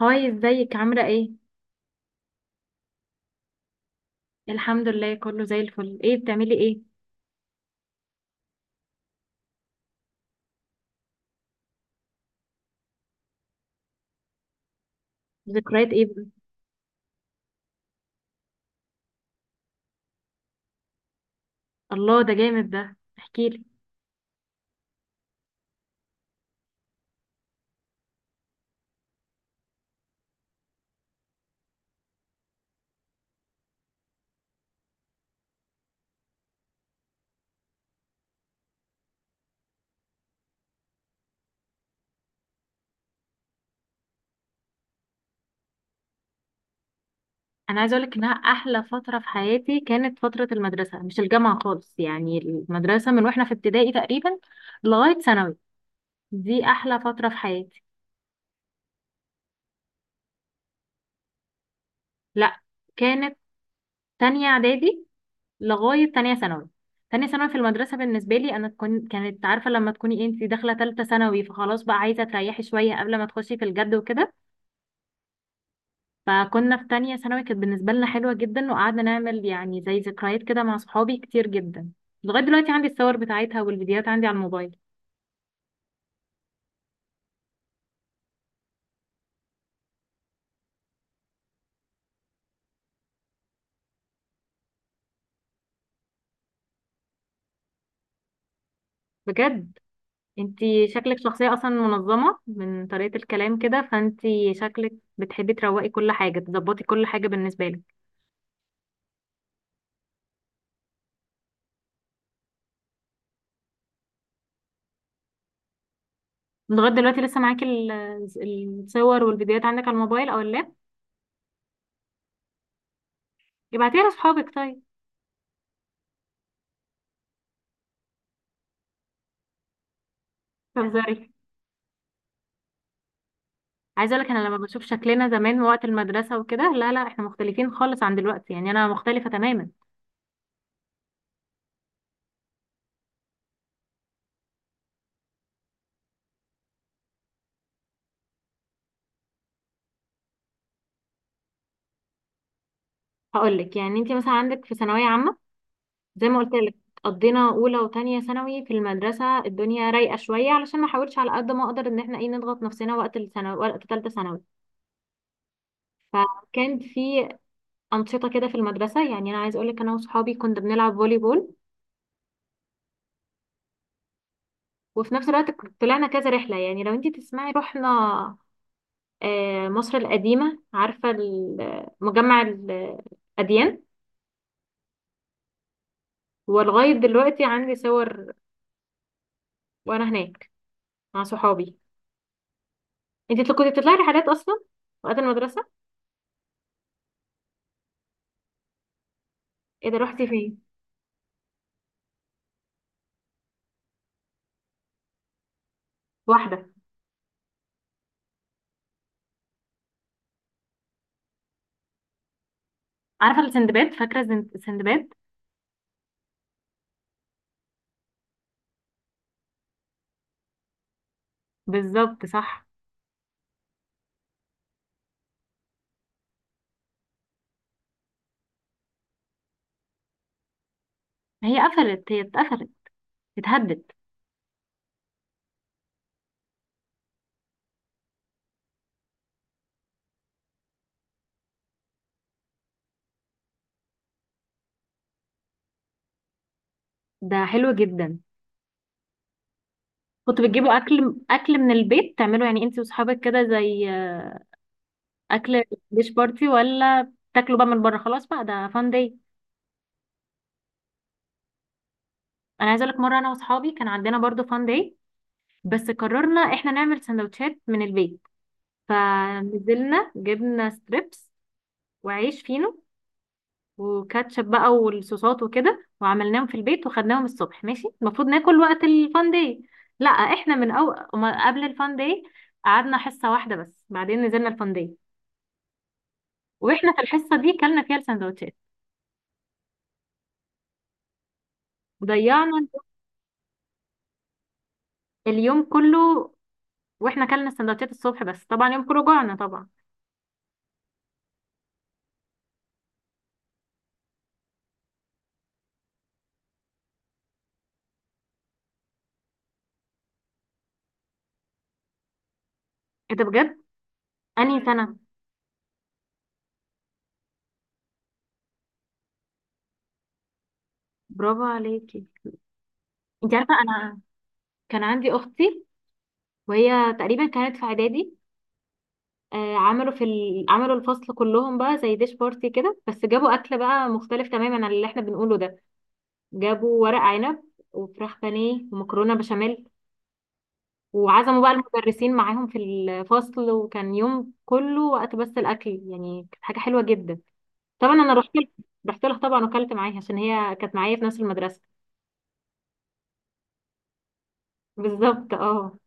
هاي، ازيك؟ عاملة ايه؟ الحمد لله كله زي الفل. ايه بتعملي ايه؟ ذكريات ايه بقى؟ الله، ده جامد، ده احكيلي. انا عايزة اقولك انها احلى فترة في حياتي، كانت فترة المدرسة، مش الجامعة خالص. يعني المدرسة من واحنا في ابتدائي تقريبا لغاية ثانوي، دي احلى فترة في حياتي. لا، كانت تانية اعدادي لغاية تانية ثانوي. تانية ثانوي في المدرسة بالنسبة لي أنا تكون كانت عارفة لما تكوني انتي داخلة تالتة ثانوي فخلاص بقى عايزة تريحي شوية قبل ما تخشي في الجد وكده. فكنا في تانية ثانوي كانت بالنسبة لنا حلوة جدا، وقعدنا نعمل يعني زي ذكريات كده مع صحابي كتير جدا. لغاية دلوقتي عندي الصور بتاعتها والفيديوهات عندي على الموبايل. بجد، انتي شكلك شخصية اصلا منظمة من طريقة الكلام كده، فانتي شكلك بتحبي تروقي كل حاجة، تظبطي كل حاجة بالنسبة لك. لغاية دلوقتي لسه معاكي الصور والفيديوهات عندك على الموبايل او اللاب؟ ابعتيها لصحابك طيب. تهزري؟ عايزه اقول لك انا لما بشوف شكلنا زمان وقت المدرسه وكده، لا لا، احنا مختلفين خالص عن دلوقتي، يعني انا مختلفه تماما. هقول لك، يعني انت مثلا عندك في ثانويه عامه زي ما قلت لك، قضينا اولى وتانية ثانوي في المدرسه الدنيا رايقه شويه، علشان ما احاولش على قد ما اقدر ان احنا ايه نضغط نفسنا وقت الثانوي وقت ثالثه ثانوي. كان في انشطه كده في المدرسه، يعني انا عايز اقول لك انا وصحابي كنا بنلعب فولي بول، وفي نفس الوقت طلعنا كذا رحله. يعني لو انت تسمعي، رحنا مصر القديمه، عارفه مجمع الاديان. ولغايه دلوقتي عندي صور وانا هناك مع صحابي. انت كنت بتطلعي رحلات اصلا وقت المدرسه؟ ايه ده روحتي فين واحده؟ عارفه السندباد؟ فاكره السندباد؟ بالظبط، صح. هي قفلت، هي اتقفلت، اتهدت. ده حلو جدا. كنتوا بتجيبوا اكل، اكل من البيت، تعملوا يعني انت واصحابك كده زي اكل ديش بارتي، ولا تاكلوا بقى من بره خلاص بقى ده فان داي؟ انا عايزه اقول لك، مره انا واصحابي كان عندنا برضو فان داي، بس قررنا احنا نعمل سندوتشات من البيت. فنزلنا، جبنا ستريبس وعيش فينو وكاتشب بقى والصوصات وكده، وعملناهم في البيت وخدناهم الصبح. ماشي، المفروض ناكل وقت الفان داي، لا احنا من أو... ما- قبل الفان داي قعدنا حصة واحدة بس، بعدين نزلنا الفان داي. واحنا في الحصة دي كلنا فيها السندوتشات. ضيعنا اليوم كله، واحنا كلنا السندوتشات الصبح، بس طبعا يوم كله جوعنا طبعا. ايه ده بجد! انهي سنة؟ برافو عليكي. انت عارفة انا كان عندي اختي وهي تقريبا كانت في اعدادي، عملوا في عملوا الفصل كلهم بقى زي ديش بارتي كده، بس جابوا اكل بقى مختلف تماما عن اللي احنا بنقوله ده. جابوا ورق عنب وفراخ بانيه ومكرونه بشاميل، وعزموا بقى المدرسين معاهم في الفصل، وكان يوم كله وقت بس الاكل، يعني كانت حاجه حلوه جدا. طبعا انا رحت لها، رحت لها طبعا وكلت معاها، عشان هي كانت معايا في نفس المدرسه. بالظبط اه.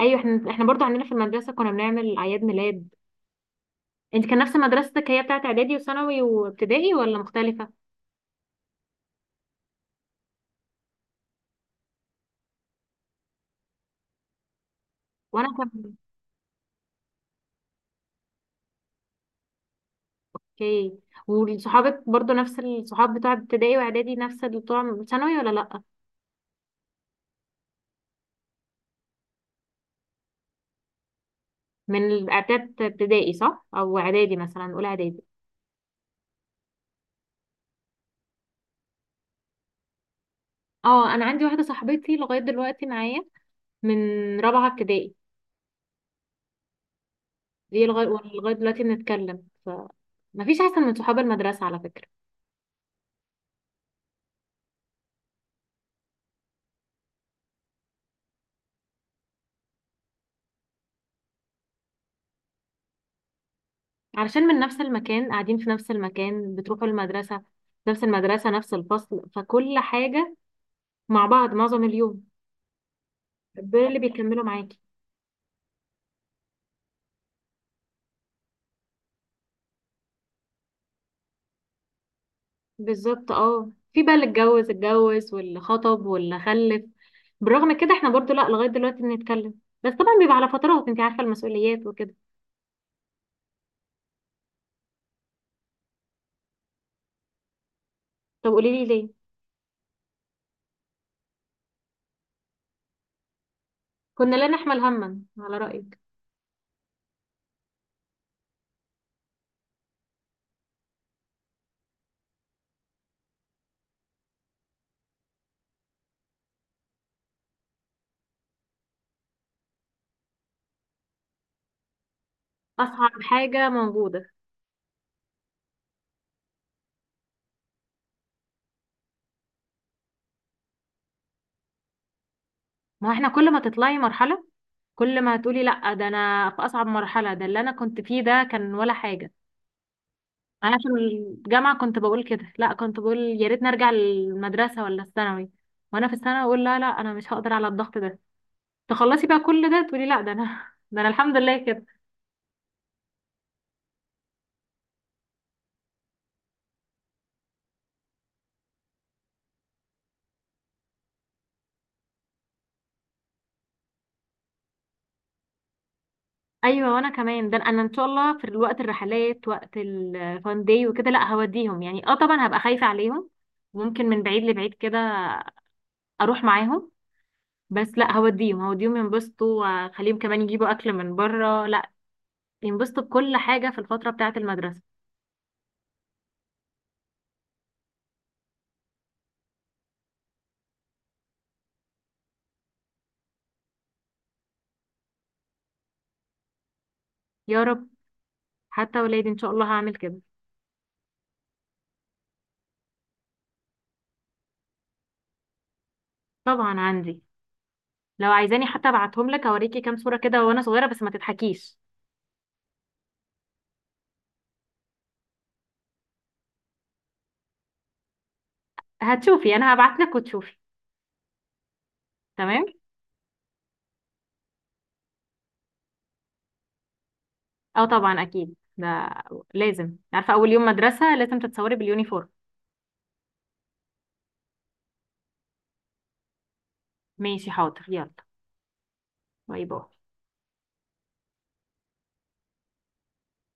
ايوه، احنا برضو عندنا في المدرسه كنا بنعمل اعياد ميلاد. انت كان نفس مدرستك هي بتاعت اعدادي وثانوي وابتدائي، ولا مختلفه؟ وانا كان. اوكي. وصحابك برضو نفس الصحاب بتوع ابتدائي واعدادي نفس اللي بتوع ثانوي، ولا لأ؟ من الاعداد ابتدائي صح، او اعدادي مثلا اولى اعدادي؟ اه، انا عندي واحده صاحبتي لغايه دلوقتي معايا من رابعه ابتدائي. دي لغايه، لغايه دلوقتي بنتكلم. فمفيش احسن من صحاب المدرسه على فكره. علشان من نفس المكان، قاعدين في نفس المكان، بتروحوا المدرسه نفس المدرسه نفس الفصل، فكل حاجه مع بعض معظم اليوم. دول اللي بيكملوا معاكي. بالظبط اه، في بقى اللي اتجوز اتجوز، واللي خطب، واللي خلف. بالرغم كده احنا برضو لا، لغاية دلوقتي بنتكلم، بس طبعا بيبقى على فترات. انت عارفة المسؤوليات وكده. طب قولي لي ليه. كنا لا نحمل هما على رأيك. أصعب حاجة موجودة. ما هو احنا كل ما تطلعي مرحلة كل ما هتقولي لا، ده انا في أصعب مرحلة، ده اللي انا كنت فيه ده كان ولا حاجة. انا في الجامعة كنت بقول كده، لا، كنت بقول يا ريت نرجع للمدرسة ولا الثانوي. وانا في الثانوي اقول لا لا، انا مش هقدر على الضغط ده. تخلصي بقى كل ده تقولي لا، ده انا ده انا الحمد لله كده. ايوه، وانا كمان، ده انا ان شاء الله في وقت الرحلات وقت الفان داي وكده، لا هوديهم. يعني اه طبعا هبقى خايفه عليهم، وممكن من بعيد لبعيد كده اروح معاهم، بس لا هوديهم، هوديهم ينبسطوا، واخليهم كمان يجيبوا اكل من بره. لا، ينبسطوا بكل حاجه في الفتره بتاعه المدرسه. يا رب، حتى ولادي ان شاء الله هعمل كده. طبعا عندي، لو عايزاني حتى ابعتهم لك، اوريكي كام صوره كده وانا صغيره، بس ما تضحكيش. هتشوفي، انا هبعت لك وتشوفي. تمام. اه طبعا اكيد ده لازم، عارفه اول يوم مدرسه لازم تتصوري باليونيفورم. ماشي، حاضر، يلا. باي باي.